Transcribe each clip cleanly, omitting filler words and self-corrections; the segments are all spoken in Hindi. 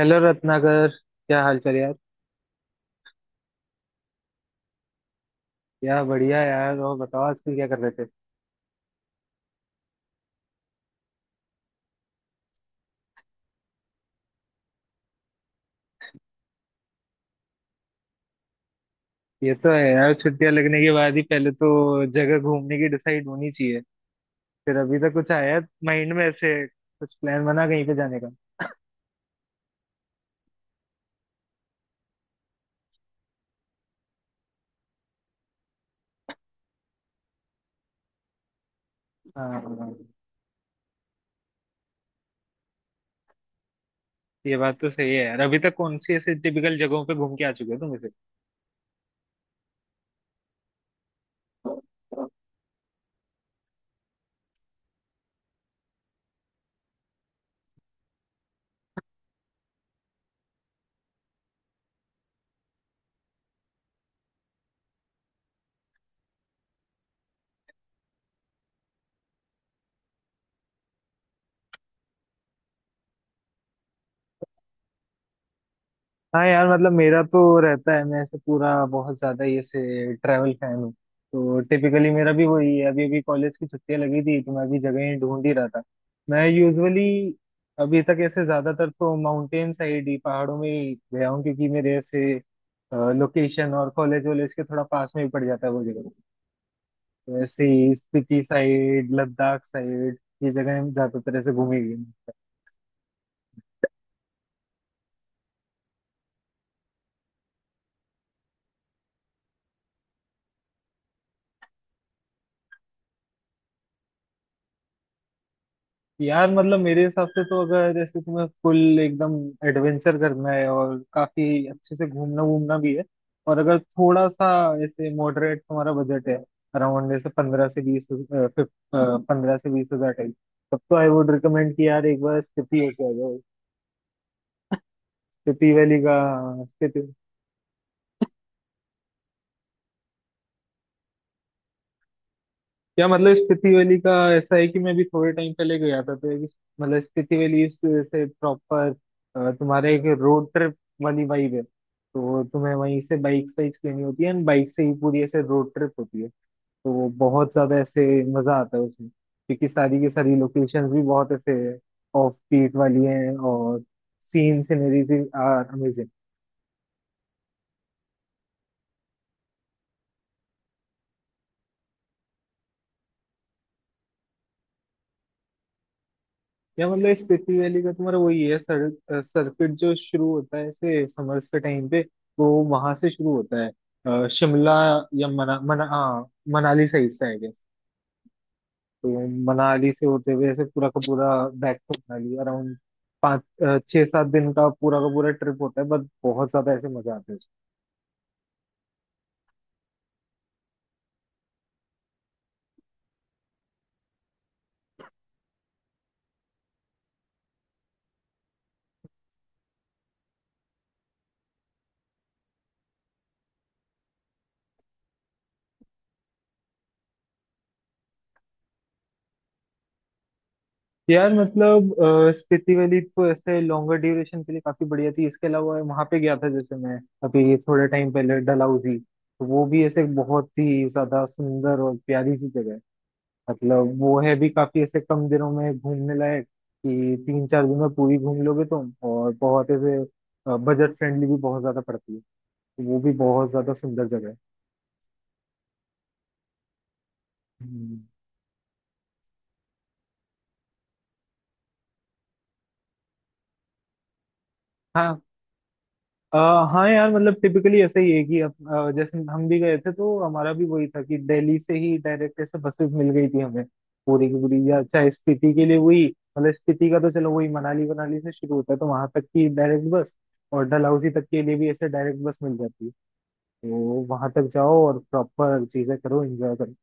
हेलो रत्नाकर, क्या हाल चाल यार। यार बढ़िया यार। और बताओ आजकल क्या कर रहे थे। ये तो है यार, छुट्टियां लगने के बाद ही पहले तो जगह घूमने की डिसाइड होनी चाहिए। फिर अभी तक कुछ आया माइंड में? ऐसे कुछ प्लान बना कहीं पे जाने का? हाँ हाँ, ये बात तो सही है यार। अभी तक कौन सी ऐसे टिपिकल जगहों पे घूम के आ चुके हो तुम? हाँ यार मतलब मेरा तो रहता है, मैं ऐसे पूरा बहुत ज्यादा ये से ट्रैवल फैन हूँ। तो टिपिकली मेरा भी वही है, अभी अभी कॉलेज की छुट्टियां लगी थी तो मैं भी जगह ढूंढ ही रहा था। मैं यूजुअली अभी तक ऐसे ज्यादातर तो माउंटेन साइड ही, पहाड़ों में ही गया हूँ, क्योंकि मेरे ऐसे लोकेशन और कॉलेज वॉलेज के थोड़ा पास में ही पड़ जाता है वो जगह। तो ऐसे ही स्पीति साइड, लद्दाख साइड, ये जगह ज्यादातर ऐसे घूमी गई। यार मतलब मेरे हिसाब से तो अगर जैसे तुम्हें फुल एकदम एडवेंचर करना है और काफी अच्छे से घूमना वूमना भी है, और अगर थोड़ा सा ऐसे मॉडरेट तुम्हारा बजट है, अराउंड जैसे 15 से 20 हजार टाइप, तब तो आई वुड रिकमेंड कि यार एक बार स्पीति होके आ जाओ। स्पीति वैली का। स्पीति। या मतलब स्पीति वैली का ऐसा है कि मैं भी थोड़े टाइम पहले गया था तो मतलब से प्रॉपर तुम्हारे एक रोड ट्रिप वाली वाइब है। तो तुम्हें वहीं से बाइक्स लेनी होती है एंड बाइक से ही पूरी ऐसे रोड ट्रिप होती है। तो वो बहुत ज्यादा ऐसे मजा आता है उसमें, क्योंकि सारी की सारी लोकेशंस भी बहुत ऐसे ऑफ बीट वाली हैं और सीन सिनरीज आर। या मतलब इस स्पीति वैली का तुम्हारा वही है, सर सर्किट जो शुरू होता है ऐसे समर्स के टाइम पे, वो वहां से शुरू होता है। शिमला या मना मना हाँ, मनाली साइड से आई गेस। तो मनाली से होते हुए ऐसे पूरा का पूरा बैक टू मनाली, अराउंड पाँच छः सात दिन का पूरा ट्रिप होता है, बट बहुत ज्यादा ऐसे मजा आता है। यार मतलब स्पीति वैली तो ऐसे लॉन्गर ड्यूरेशन के लिए काफी बढ़िया थी। इसके अलावा वहां पे गया था जैसे मैं अभी थोड़े टाइम पहले डलहौजी, तो वो भी ऐसे बहुत ही ज्यादा सुंदर और प्यारी सी जगह है। मतलब वो है भी काफी ऐसे कम दिनों में घूमने लायक कि 3 4 दिन में पूरी घूम लोगे तुम। और बहुत ऐसे बजट फ्रेंडली भी बहुत ज्यादा पड़ती है, तो वो भी बहुत ज्यादा सुंदर जगह है। हम्म। हाँ। अ, हाँ यार मतलब टिपिकली ऐसा ही है कि जैसे हम भी गए थे तो हमारा भी वही था कि दिल्ली से ही डायरेक्ट ऐसे बसेस मिल गई थी हमें पूरी की पूरी। या चाहे स्पीति के लिए वही, मतलब स्पीति का तो चलो वही मनाली मनाली से शुरू होता है तो वहां तक की डायरेक्ट बस, और डलहौजी तक के लिए भी ऐसे डायरेक्ट बस मिल जाती है। तो वहां तक जाओ और प्रॉपर चीजें करो, एंजॉय करो।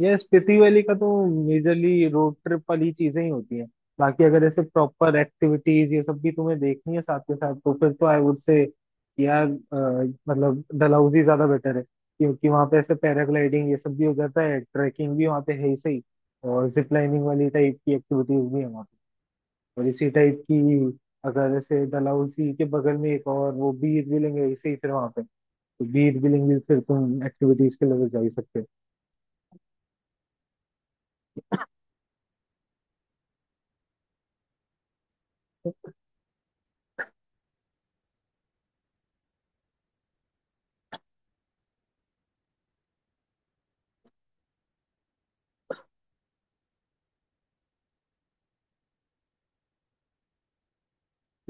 ये स्पीति वैली का तो मेजरली रोड ट्रिप वाली चीजें ही होती हैं। बाकी अगर ऐसे प्रॉपर एक्टिविटीज ये सब भी तुम्हें देखनी है साथ के साथ, तो फिर तो आई वुड से यार, मतलब डलहौजी ज्यादा बेटर है, क्योंकि वहाँ पे ऐसे पैराग्लाइडिंग ये सब भी हो जाता है, ट्रैकिंग भी वहाँ पे है ही सही, और जिप लाइनिंग वाली टाइप की एक्टिविटीज भी है वहाँ पे। और इसी टाइप की, अगर ऐसे डलहौजी के बगल में एक और वो बीर बिलिंग है इसे ही फिर वहाँ पे, तो बीर बिलिंग भी फिर तुम एक्टिविटीज के लिए जा ही सकते हो।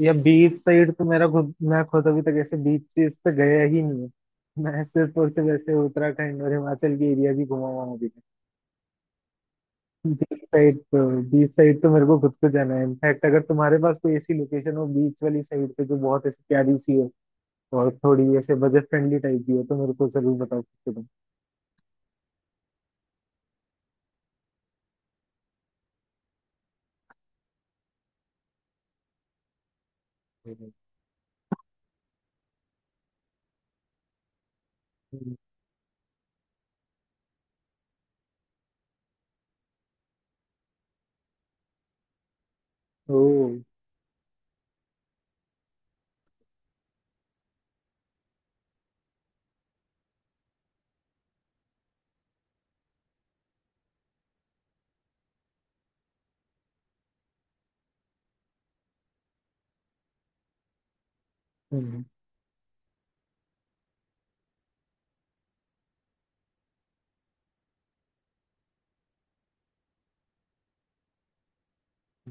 या बीच साइड तो मेरा खुद, मैं खुद अभी तक ऐसे बीच चीज पे गया ही नहीं है। मैं सिर्फ और सिर्फ ऐसे उत्तराखंड और हिमाचल की एरिया ही घुमा हुआ हूँ अभी तक। बीच साइड तो मेरे को खुद को जाना है। इनफैक्ट अगर तुम्हारे पास कोई ऐसी लोकेशन हो बीच वाली साइड पे जो बहुत ऐसी प्यारी सी हो और थोड़ी ऐसे बजट फ्रेंडली टाइप की हो, तो मेरे को जरूर बताओ तुम। ओ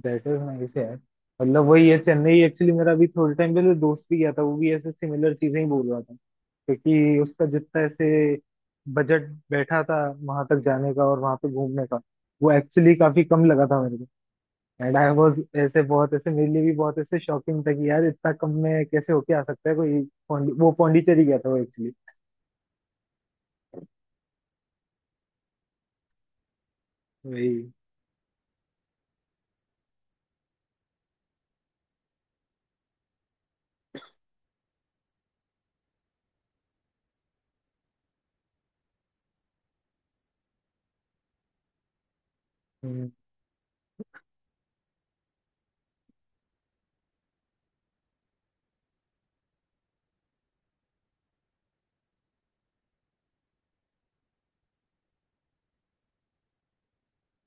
बेटर, नाइस यार। मतलब वही है, चेन्नई एक्चुअली मेरा अभी थोड़े टाइम पहले दोस्त भी गया था, वो भी ऐसे सिमिलर चीजें ही बोल रहा था, क्योंकि उसका जितना ऐसे बजट बैठा था वहां तक जाने का और वहां पे घूमने का, वो एक्चुअली काफी कम लगा था मेरे को। एंड आई वाज ऐसे बहुत ऐसे, मेरे लिए भी बहुत ऐसे शॉकिंग था कि यार इतना कम में कैसे होके आ सकता है कोई। वो पौंडीचेरी गया था वो एक्चुअली। वही। हम्म,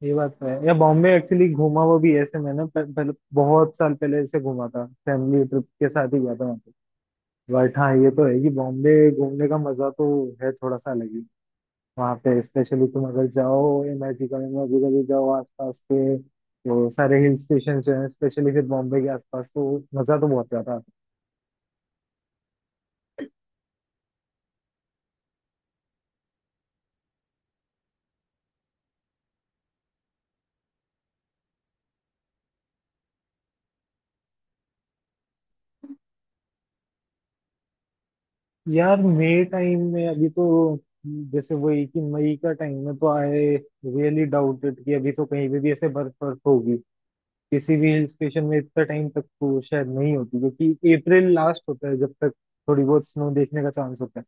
ये बात तो है। या बॉम्बे एक्चुअली घूमा हुआ भी है ऐसे मैंने, पर बहुत साल पहले ऐसे घूमा था, फैमिली ट्रिप के साथ ही गया था। बट हाँ ये तो है कि बॉम्बे घूमने का मजा तो है थोड़ा सा अलग ही। वहाँ पे स्पेशली तुम अगर जाओ, इमेजिकल में भी कभी जाओ, आसपास के वो सारे हिल स्टेशन जो है स्पेशली फिर बॉम्बे के आसपास, तो मजा तो बहुत ज्यादा आता है। यार मई टाइम में अभी तो, जैसे वही कि मई का टाइम में तो आई रियली डाउटेड कि अभी तो कहीं पे भी ऐसे बर्फ बर्फ होगी किसी भी हिल स्टेशन में। इतना टाइम तक तो शायद नहीं होती, क्योंकि अप्रैल लास्ट होता है जब तक थोड़ी बहुत स्नो देखने का चांस होता है।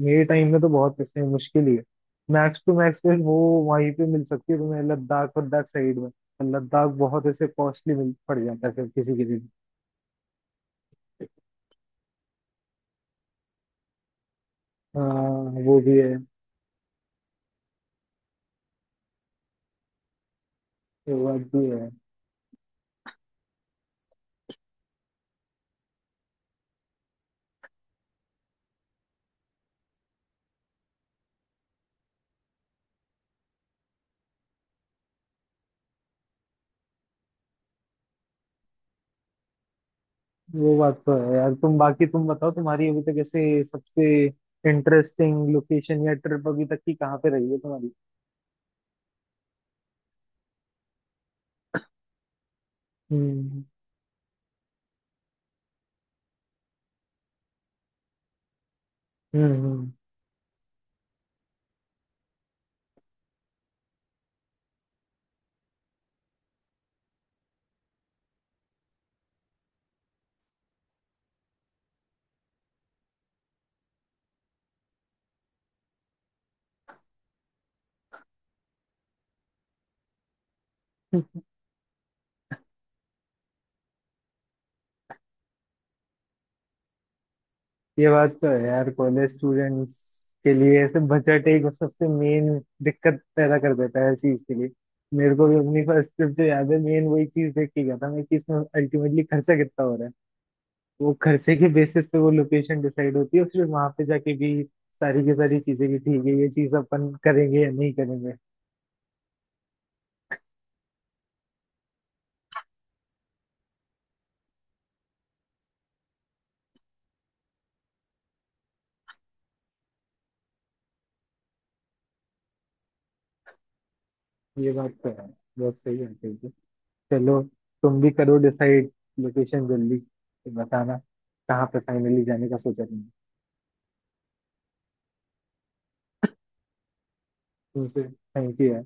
मेरे टाइम में तो बहुत किस्से हैं, मुश्किल ही है। मैक्स टू मैक्स फिर वो वहीं पे मिल सकती है तुम्हें, लद्दाख वद्दाख साइड में। पर लद्दाख बहुत ऐसे कॉस्टली मिल पड़ जाता है फिर किसी के लिए। हाँ वो भी है। वो बात भी है। वो बात तो है यार। तुम बाकी तुम बताओ, तुम्हारी अभी तक ऐसे सबसे इंटरेस्टिंग लोकेशन या ट्रिप अभी तक की कहाँ पे रही है तुम्हारी? हम्म। हम्म। हम्म। ये बात तो है यार, कॉलेज स्टूडेंट्स के लिए ऐसे बजट एक सबसे मेन दिक्कत पैदा कर देता है हर चीज के लिए। मेरे को भी अपनी फर्स्ट ट्रिप जो याद है, मेन वही चीज देख के गया था मैं कि इसमें अल्टीमेटली खर्चा कितना हो रहा है। वो खर्चे के बेसिस पे वो लोकेशन डिसाइड होती है, फिर वहां पे जाके भी सारी की सारी चीजें की ठीक है, ये चीज अपन करेंगे या नहीं करेंगे। ये बात तो है। बहुत सही बात है ये। चलो, तुम भी करो डिसाइड लोकेशन जल्दी, फिर बताना कहाँ पे फाइनली जाने का सोचा तुमने। तुमसे थैंक यू।